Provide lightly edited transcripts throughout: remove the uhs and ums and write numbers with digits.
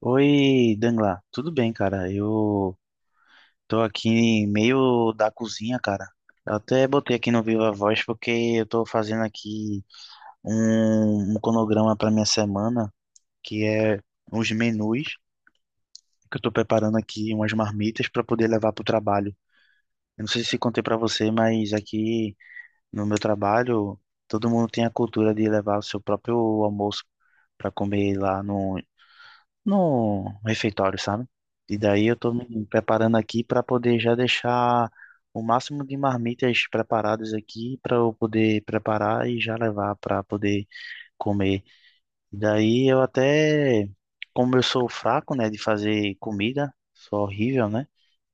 Oi, Dangla, tudo bem, cara? Eu tô aqui meio da cozinha, cara. Eu até botei aqui no Viva Voz porque eu tô fazendo aqui um cronograma para minha semana, que é uns menus que eu tô preparando aqui, umas marmitas para poder levar pro trabalho. Eu não sei se contei para você, mas aqui no meu trabalho todo mundo tem a cultura de levar o seu próprio almoço para comer lá no refeitório, sabe? E daí eu tô me preparando aqui para poder já deixar o máximo de marmitas preparadas aqui para eu poder preparar e já levar para poder comer. E daí eu até, como eu sou fraco, né, de fazer comida, sou horrível, né?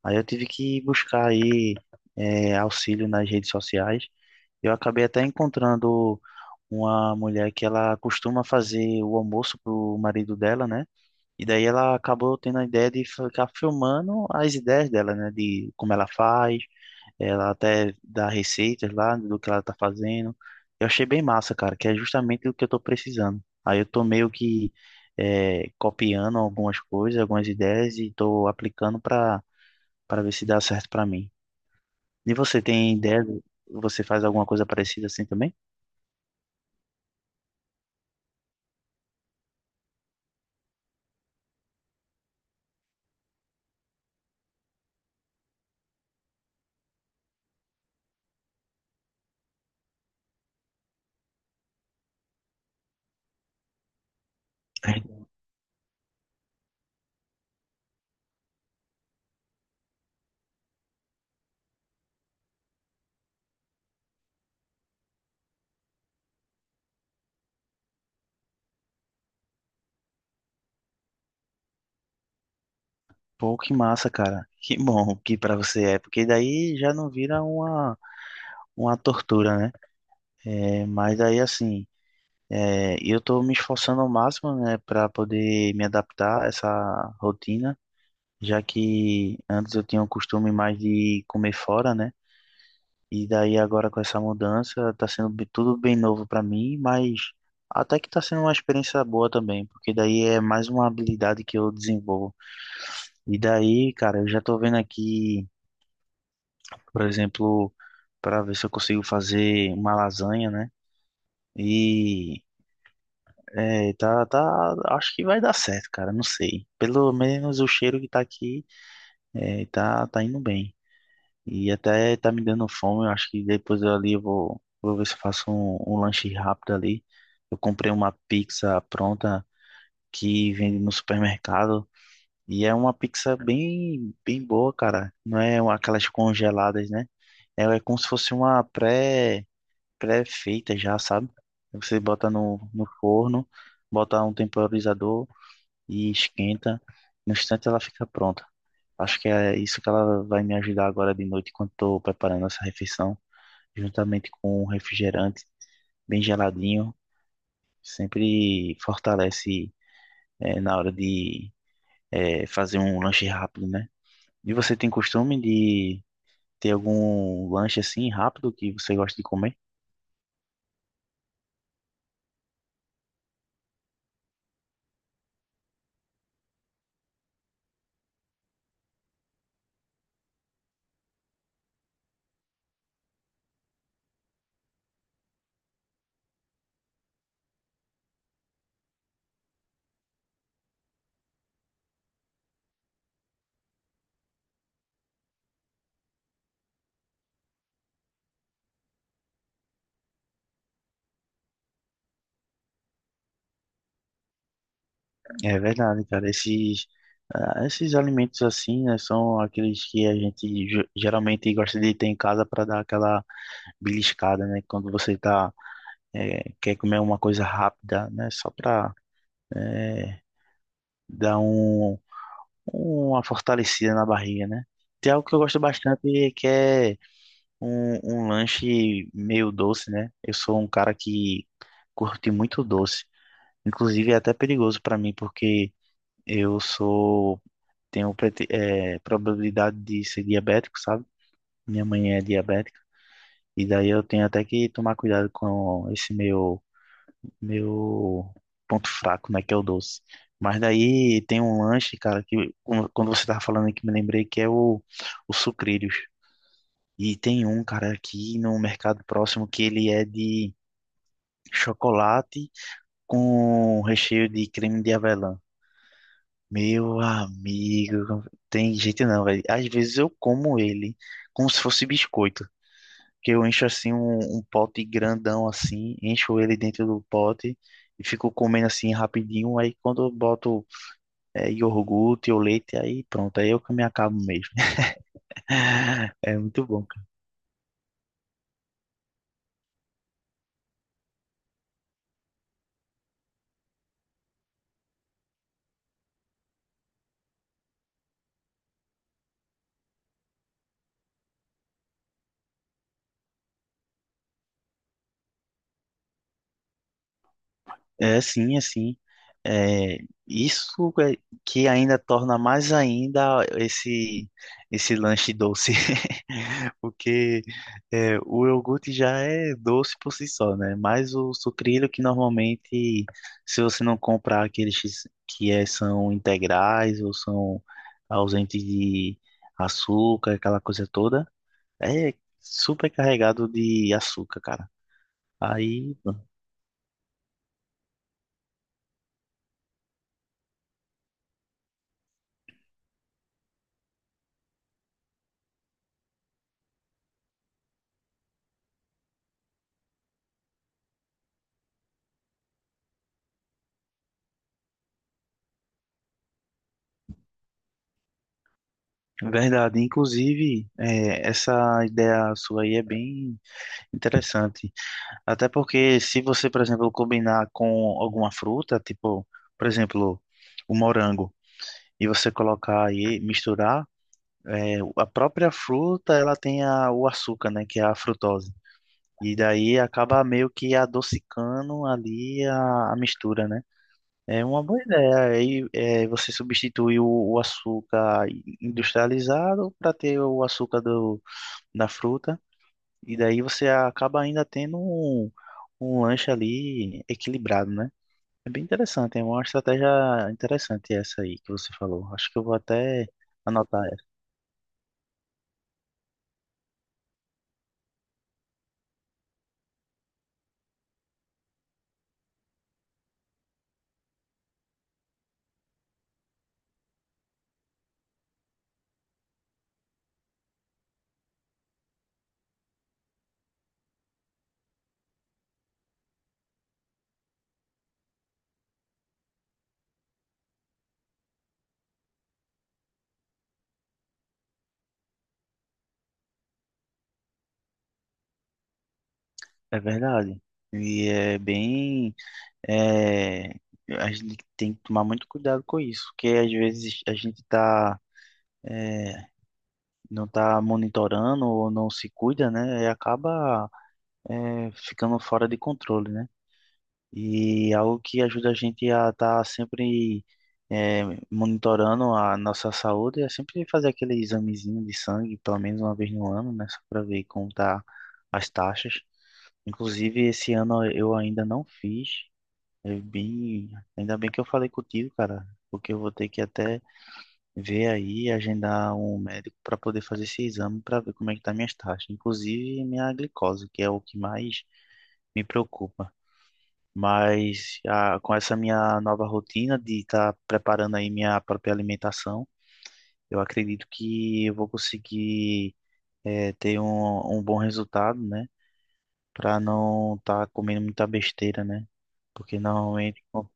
Aí eu tive que buscar aí auxílio nas redes sociais. Eu acabei até encontrando uma mulher que ela costuma fazer o almoço pro marido dela, né? E daí ela acabou tendo a ideia de ficar filmando as ideias dela, né? De como ela faz, ela até dá receitas lá do que ela tá fazendo. Eu achei bem massa, cara, que é justamente o que eu tô precisando. Aí eu tô meio que copiando algumas coisas, algumas ideias e tô aplicando pra para ver se dá certo pra mim. E você tem ideia? Você faz alguma coisa parecida assim também? É. Pô, que massa, cara. Que bom que pra você é, porque daí já não vira uma tortura, né? É, mas aí assim, é, eu estou me esforçando ao máximo, né, para poder me adaptar a essa rotina, já que antes eu tinha o costume mais de comer fora, né? E daí agora com essa mudança tá sendo tudo bem novo para mim, mas até que tá sendo uma experiência boa também, porque daí é mais uma habilidade que eu desenvolvo. E daí, cara, eu já tô vendo aqui, por exemplo, para ver se eu consigo fazer uma lasanha, né? e É, e tá, acho que vai dar certo, cara, não sei. Pelo menos o cheiro que tá aqui, tá indo bem. E até tá me dando fome, eu acho que depois eu ali eu vou ver se eu faço um lanche rápido ali. Eu comprei uma pizza pronta que vende no supermercado e é uma pizza bem boa, cara. Não é uma- aquelas congeladas, né? Ela é como se fosse uma pré-feita já, sabe? Você bota no forno, bota um temporizador e esquenta. No instante ela fica pronta. Acho que é isso que ela vai me ajudar agora de noite, quando estou preparando essa refeição, juntamente com um refrigerante bem geladinho. Sempre fortalece, na hora de, fazer um lanche rápido, né? E você tem costume de ter algum lanche assim rápido que você gosta de comer? É verdade, cara. Esses, ah, esses alimentos assim, né, são aqueles que a gente geralmente gosta de ter em casa para dar aquela beliscada, né? Quando você tá, é, quer comer uma coisa rápida, né? Só para dar uma fortalecida na barriga, né? Tem algo que eu gosto bastante que é um lanche meio doce, né? Eu sou um cara que curte muito doce. Inclusive é até perigoso para mim porque eu sou tenho probabilidade de ser diabético, sabe? Minha mãe é diabética. E daí eu tenho até que tomar cuidado com esse meu ponto fraco, né, que é o doce. Mas daí tem um lanche, cara, que quando você tava falando aqui, me lembrei que é o Sucrilhos. E tem um, cara, aqui no mercado próximo que ele é de chocolate com recheio de creme de avelã. Meu amigo, tem jeito não, velho. Às vezes eu como ele como se fosse biscoito. Que eu encho assim um pote grandão assim, encho ele dentro do pote e fico comendo assim rapidinho. Aí quando eu boto iogurte ou leite, aí pronto, aí eu que me acabo mesmo. É muito bom. É sim, é sim. É, isso é que ainda torna mais ainda esse lanche doce, porque é, o iogurte já é doce por si só, né? Mas o sucrilho que normalmente, se você não comprar aqueles que é, são integrais ou são ausentes de açúcar, aquela coisa toda, é super carregado de açúcar, cara. Aí verdade, inclusive, é, essa ideia sua aí é bem interessante. Até porque, se você, por exemplo, combinar com alguma fruta, tipo, por exemplo, o morango, e você colocar aí, misturar, é, a própria fruta, ela tem o açúcar, né, que é a frutose. E daí acaba meio que adocicando ali a mistura, né? É uma boa ideia. Aí é, você substitui o açúcar industrializado para ter o açúcar do da fruta, e daí você acaba ainda tendo um lanche ali equilibrado, né? É bem interessante, é uma estratégia interessante essa aí que você falou. Acho que eu vou até anotar essa. É verdade. E é bem. É, a gente tem que tomar muito cuidado com isso, porque às vezes a gente tá, é, não tá monitorando ou não se cuida, né? E acaba, é, ficando fora de controle, né? E algo que ajuda a gente a estar sempre eh, monitorando a nossa saúde é sempre fazer aquele examezinho de sangue, pelo menos uma vez no ano, né? Só para ver como tá as taxas. Inclusive, esse ano eu ainda não fiz. É bem... Ainda bem que eu falei contigo, cara, porque eu vou ter que até ver aí, agendar um médico para poder fazer esse exame para ver como é que tá minhas taxas, inclusive minha glicose, que é o que mais me preocupa. Mas ah, com essa minha nova rotina de estar preparando aí minha própria alimentação, eu acredito que eu vou conseguir ter um bom resultado, né? Para não estar comendo muita besteira, né? Porque normalmente pô,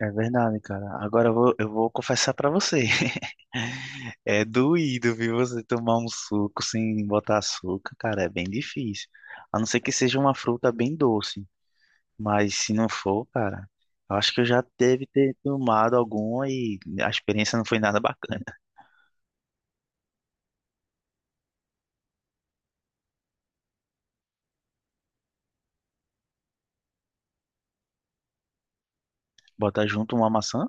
é verdade, cara. Agora eu eu vou confessar para você. É doído, viu? Você tomar um suco sem botar açúcar, cara, é bem difícil. A não ser que seja uma fruta bem doce. Mas se não for, cara, eu acho que eu já deve ter tomado alguma e a experiência não foi nada bacana. Botar junto uma maçã?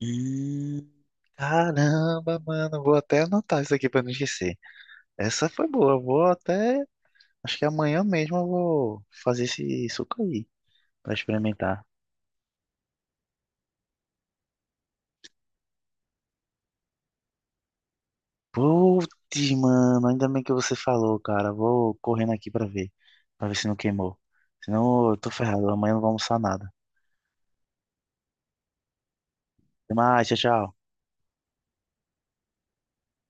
Hum, caramba, mano, vou até anotar isso aqui pra não esquecer. Essa foi boa, eu vou até. Acho que amanhã mesmo eu vou fazer esse suco aí pra experimentar. Putz, mano, ainda bem que você falou, cara. Vou correndo aqui pra ver se não queimou. Senão eu tô ferrado, amanhã eu não vou almoçar nada. Até mais, tchau, tchau.